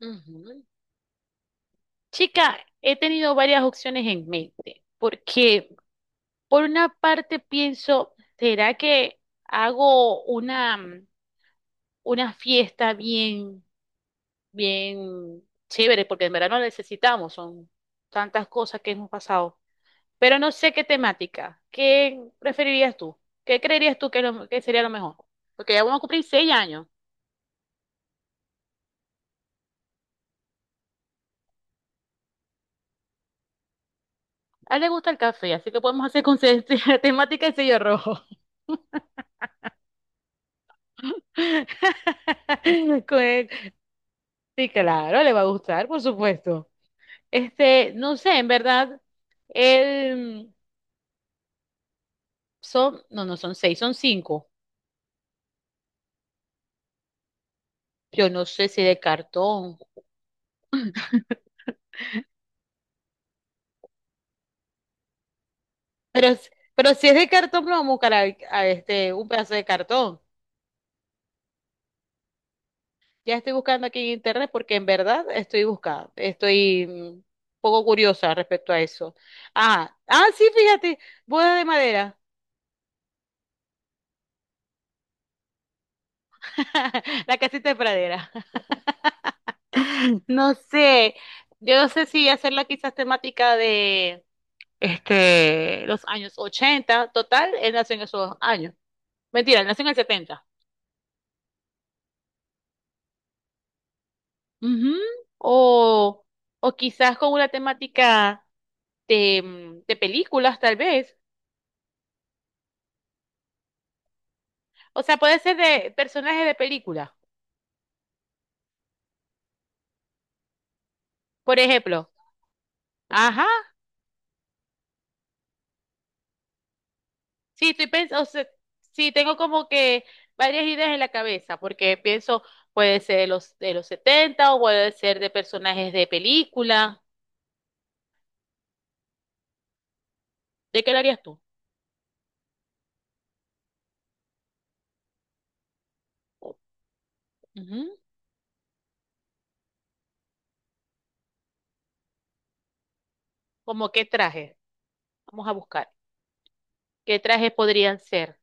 Ujú. Chica, he tenido varias opciones en mente, porque por una parte pienso, ¿será que hago una fiesta bien, bien chévere? Porque en verano necesitamos, son tantas cosas que hemos pasado, pero no sé qué temática. ¿Qué preferirías tú? ¿Qué creerías tú que, que sería lo mejor? Porque ya vamos a cumplir 6 años. A él le gusta el café, así que podemos hacer con temática de sello rojo. con, Sí, claro, le va a gustar, por supuesto. Este, no sé, en verdad, él son, no, no son seis, son cinco. Yo no sé si de cartón, pero si es de cartón, vamos a buscar a, este, un pedazo de cartón. Ya estoy buscando aquí en internet porque en verdad estoy buscando, estoy un poco curiosa respecto a eso. Ah, ah, sí, fíjate, boda de madera, la casita de pradera. No sé, yo no sé si hacerla quizás temática de este, los años 80, total, él nació en esos años. Mentira, él nació en el 70. Ujú. O, o quizás con una temática de películas, tal vez. O sea, puede ser de personajes de películas, por ejemplo. Ajá, sí, estoy pensando, sí, tengo como que varias ideas en la cabeza, porque pienso, puede ser de los 70, o puede ser de personajes de película. ¿De qué lo harías tú? Ujú. ¿Cómo qué traje? Vamos a buscar. ¿Qué trajes podrían ser?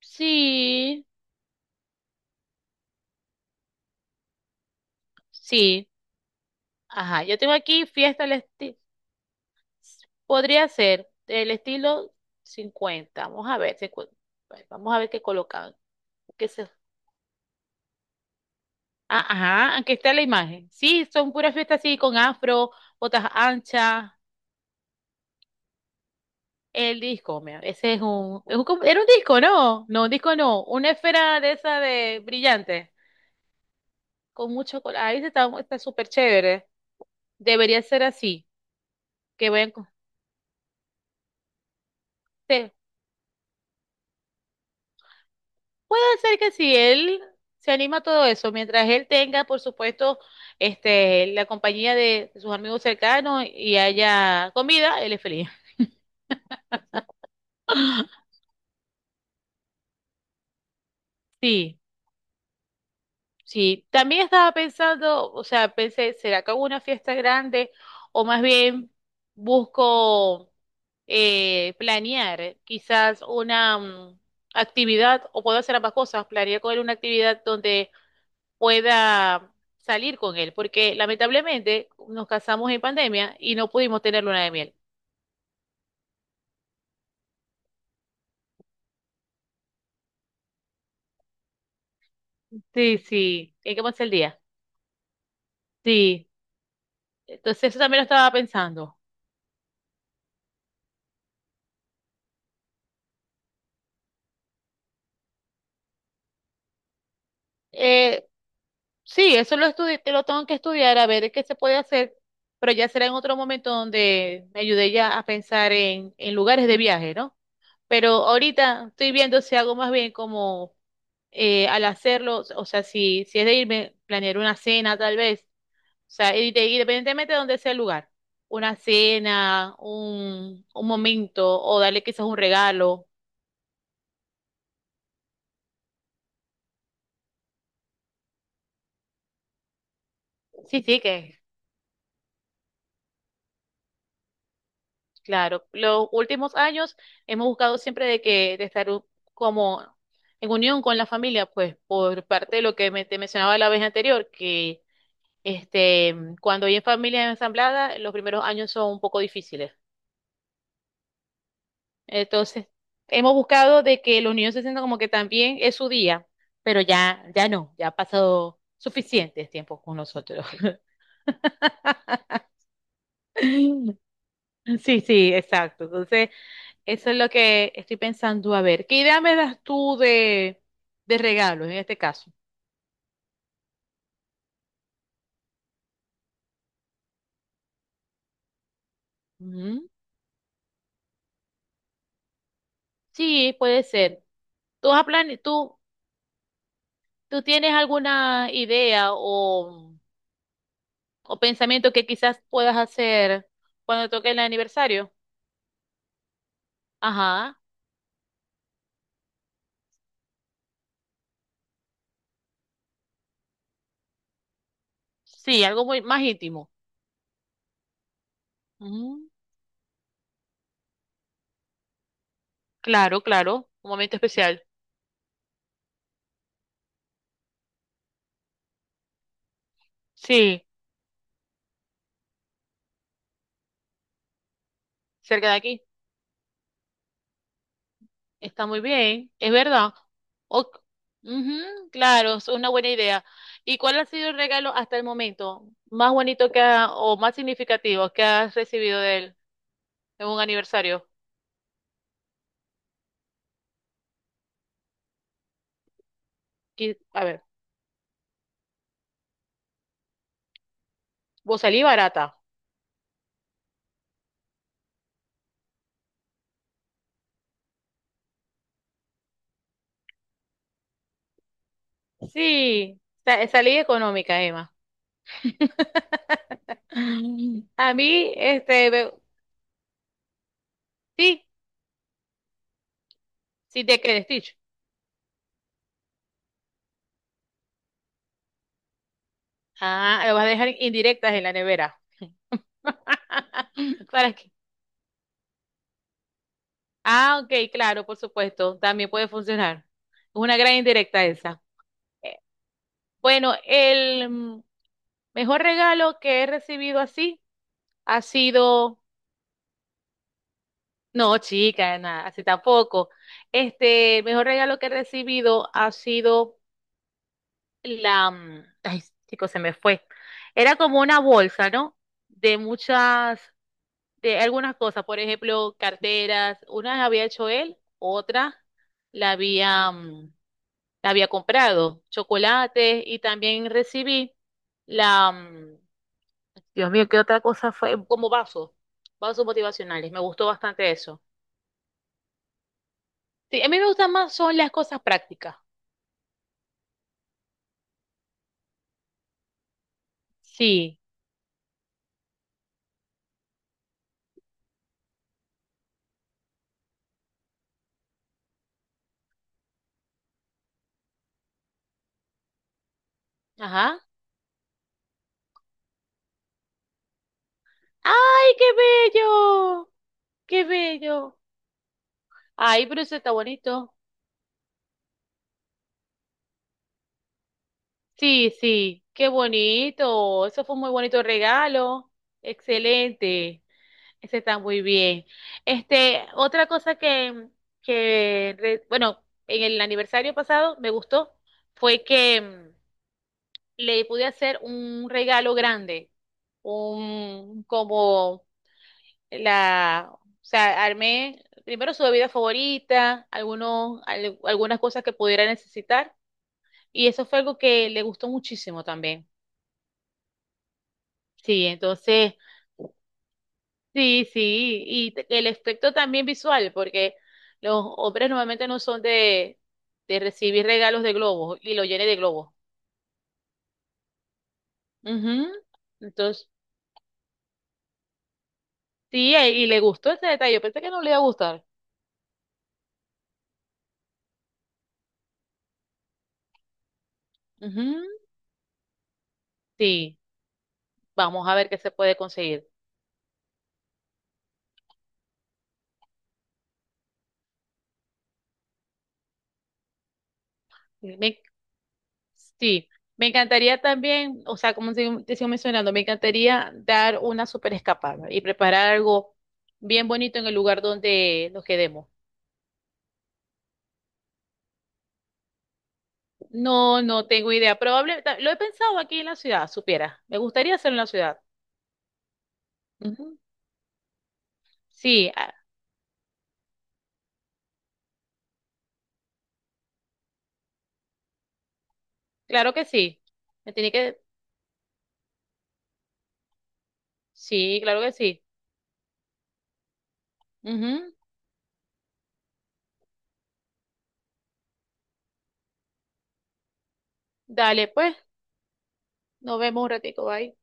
Sí, sí. Ajá, yo tengo aquí fiesta al estilo. Podría ser del estilo 50. Vamos a ver, 50. Bueno, vamos a ver qué colocan. ¿Qué se... Ah, ajá, aquí está la imagen. Sí, son puras fiestas así con afro, botas anchas. El disco, mira, ese era un disco, ¿no? No, un disco no. Una esfera de esa de brillante. Con mucho color. Ahí está, está súper chévere. Debería ser así. Que vayan con. Sí, puede ser que si él se anima a todo eso, mientras él tenga, por supuesto, este, la compañía de sus amigos cercanos y haya comida, él es feliz. Sí, sí. También estaba pensando, o sea, pensé, ¿será que hago una fiesta grande? O más bien busco planear quizás una actividad, o puedo hacer ambas cosas, planear con él una actividad donde pueda salir con él, porque lamentablemente nos casamos en pandemia y no pudimos tener luna de miel. Sí, sí, hay que pasar el día. Sí, entonces eso también lo estaba pensando. Eh, sí, eso lo tengo que estudiar a ver qué se puede hacer, pero ya será en otro momento donde me ayude ya a pensar en lugares de viaje, ¿no? Pero ahorita estoy viendo si hago más bien como al hacerlo, o sea, si es de irme, planear una cena tal vez sea, y independientemente de donde sea el lugar, una cena, un momento, o darle quizás un regalo. Sí, sí, que claro. Los últimos años hemos buscado siempre de que de estar como en unión con la familia, pues por parte de lo que te mencionaba la vez anterior, que este, cuando hay familias ensambladas, los primeros años son un poco difíciles. Entonces, hemos buscado de que los niños se sientan como que también es su día, pero ya, ya no, ya ha pasado suficiente tiempo con nosotros. Sí, sí, exacto. Entonces, eso es lo que estoy pensando. A ver, ¿qué idea me das tú de regalos en este caso? Ujú. Sí, puede ser. ¿Tú, has plane- tú tienes alguna idea o pensamiento que quizás puedas hacer cuando toque el aniversario? Ajá. Sí, algo muy más íntimo. Ujú, claro, claro, un momento especial. Sí, cerca de aquí. Está muy bien, es verdad. O- ujú, claro, es una buena idea. ¿Y cuál ha sido el regalo hasta el momento más bonito o más significativo que has recibido de él en un aniversario? A ver, vos salí barata. Sí, salí económica, Emma. A mí, este, sí, sí te quedes, Stitch. Ah, lo vas a dejar indirectas en la nevera. ¿Para qué? Ah, ok, claro, por supuesto, también puede funcionar. Es una gran indirecta esa. Eh, Bueno, el mejor regalo que he recibido así ha sido, no, chica, nada, así tampoco. Este, el mejor regalo que he recibido ha sido la, ay, chicos, se me fue. Era como una bolsa, ¿no? De muchas, de algunas cosas, por ejemplo, carteras. Unas había hecho él, otra la había había comprado chocolates y también recibí la, Dios mío, ¿qué otra cosa fue? Como vasos, vasos motivacionales. Me gustó bastante eso. Sí, a mí me gustan más son las cosas prácticas. Sí. Ajá. ¡Ay, qué bello! ¡Qué bello! Ay, pero eso está bonito. Sí, sí, qué bonito. Eso fue un muy bonito regalo. Excelente. Ese está muy bien. Este, otra cosa bueno, en el aniversario pasado me gustó fue que le pude hacer un regalo grande, un como la, o sea, armé primero su bebida favorita, algunas cosas que pudiera necesitar, y eso fue algo que le gustó muchísimo también. Sí, entonces sí, sí, y el aspecto también visual, porque los hombres normalmente no son de recibir regalos de globos y lo llene de globos. Ujú. Entonces, sí, y le gustó ese detalle. Yo pensé que no le iba a gustar. Ujú. Sí, vamos a ver qué se puede conseguir. Me- sí, me encantaría también, o sea, como te sigo mencionando, me encantaría dar una super escapada y preparar algo bien bonito en el lugar donde nos quedemos. No, no tengo idea. Probable, lo he pensado aquí en la ciudad, supiera. Me gustaría hacerlo en la ciudad. Ujú. Sí, ah, claro que sí. Me tiene que, sí, claro que sí. Ujú. Dale, pues, nos vemos un ratico, bye.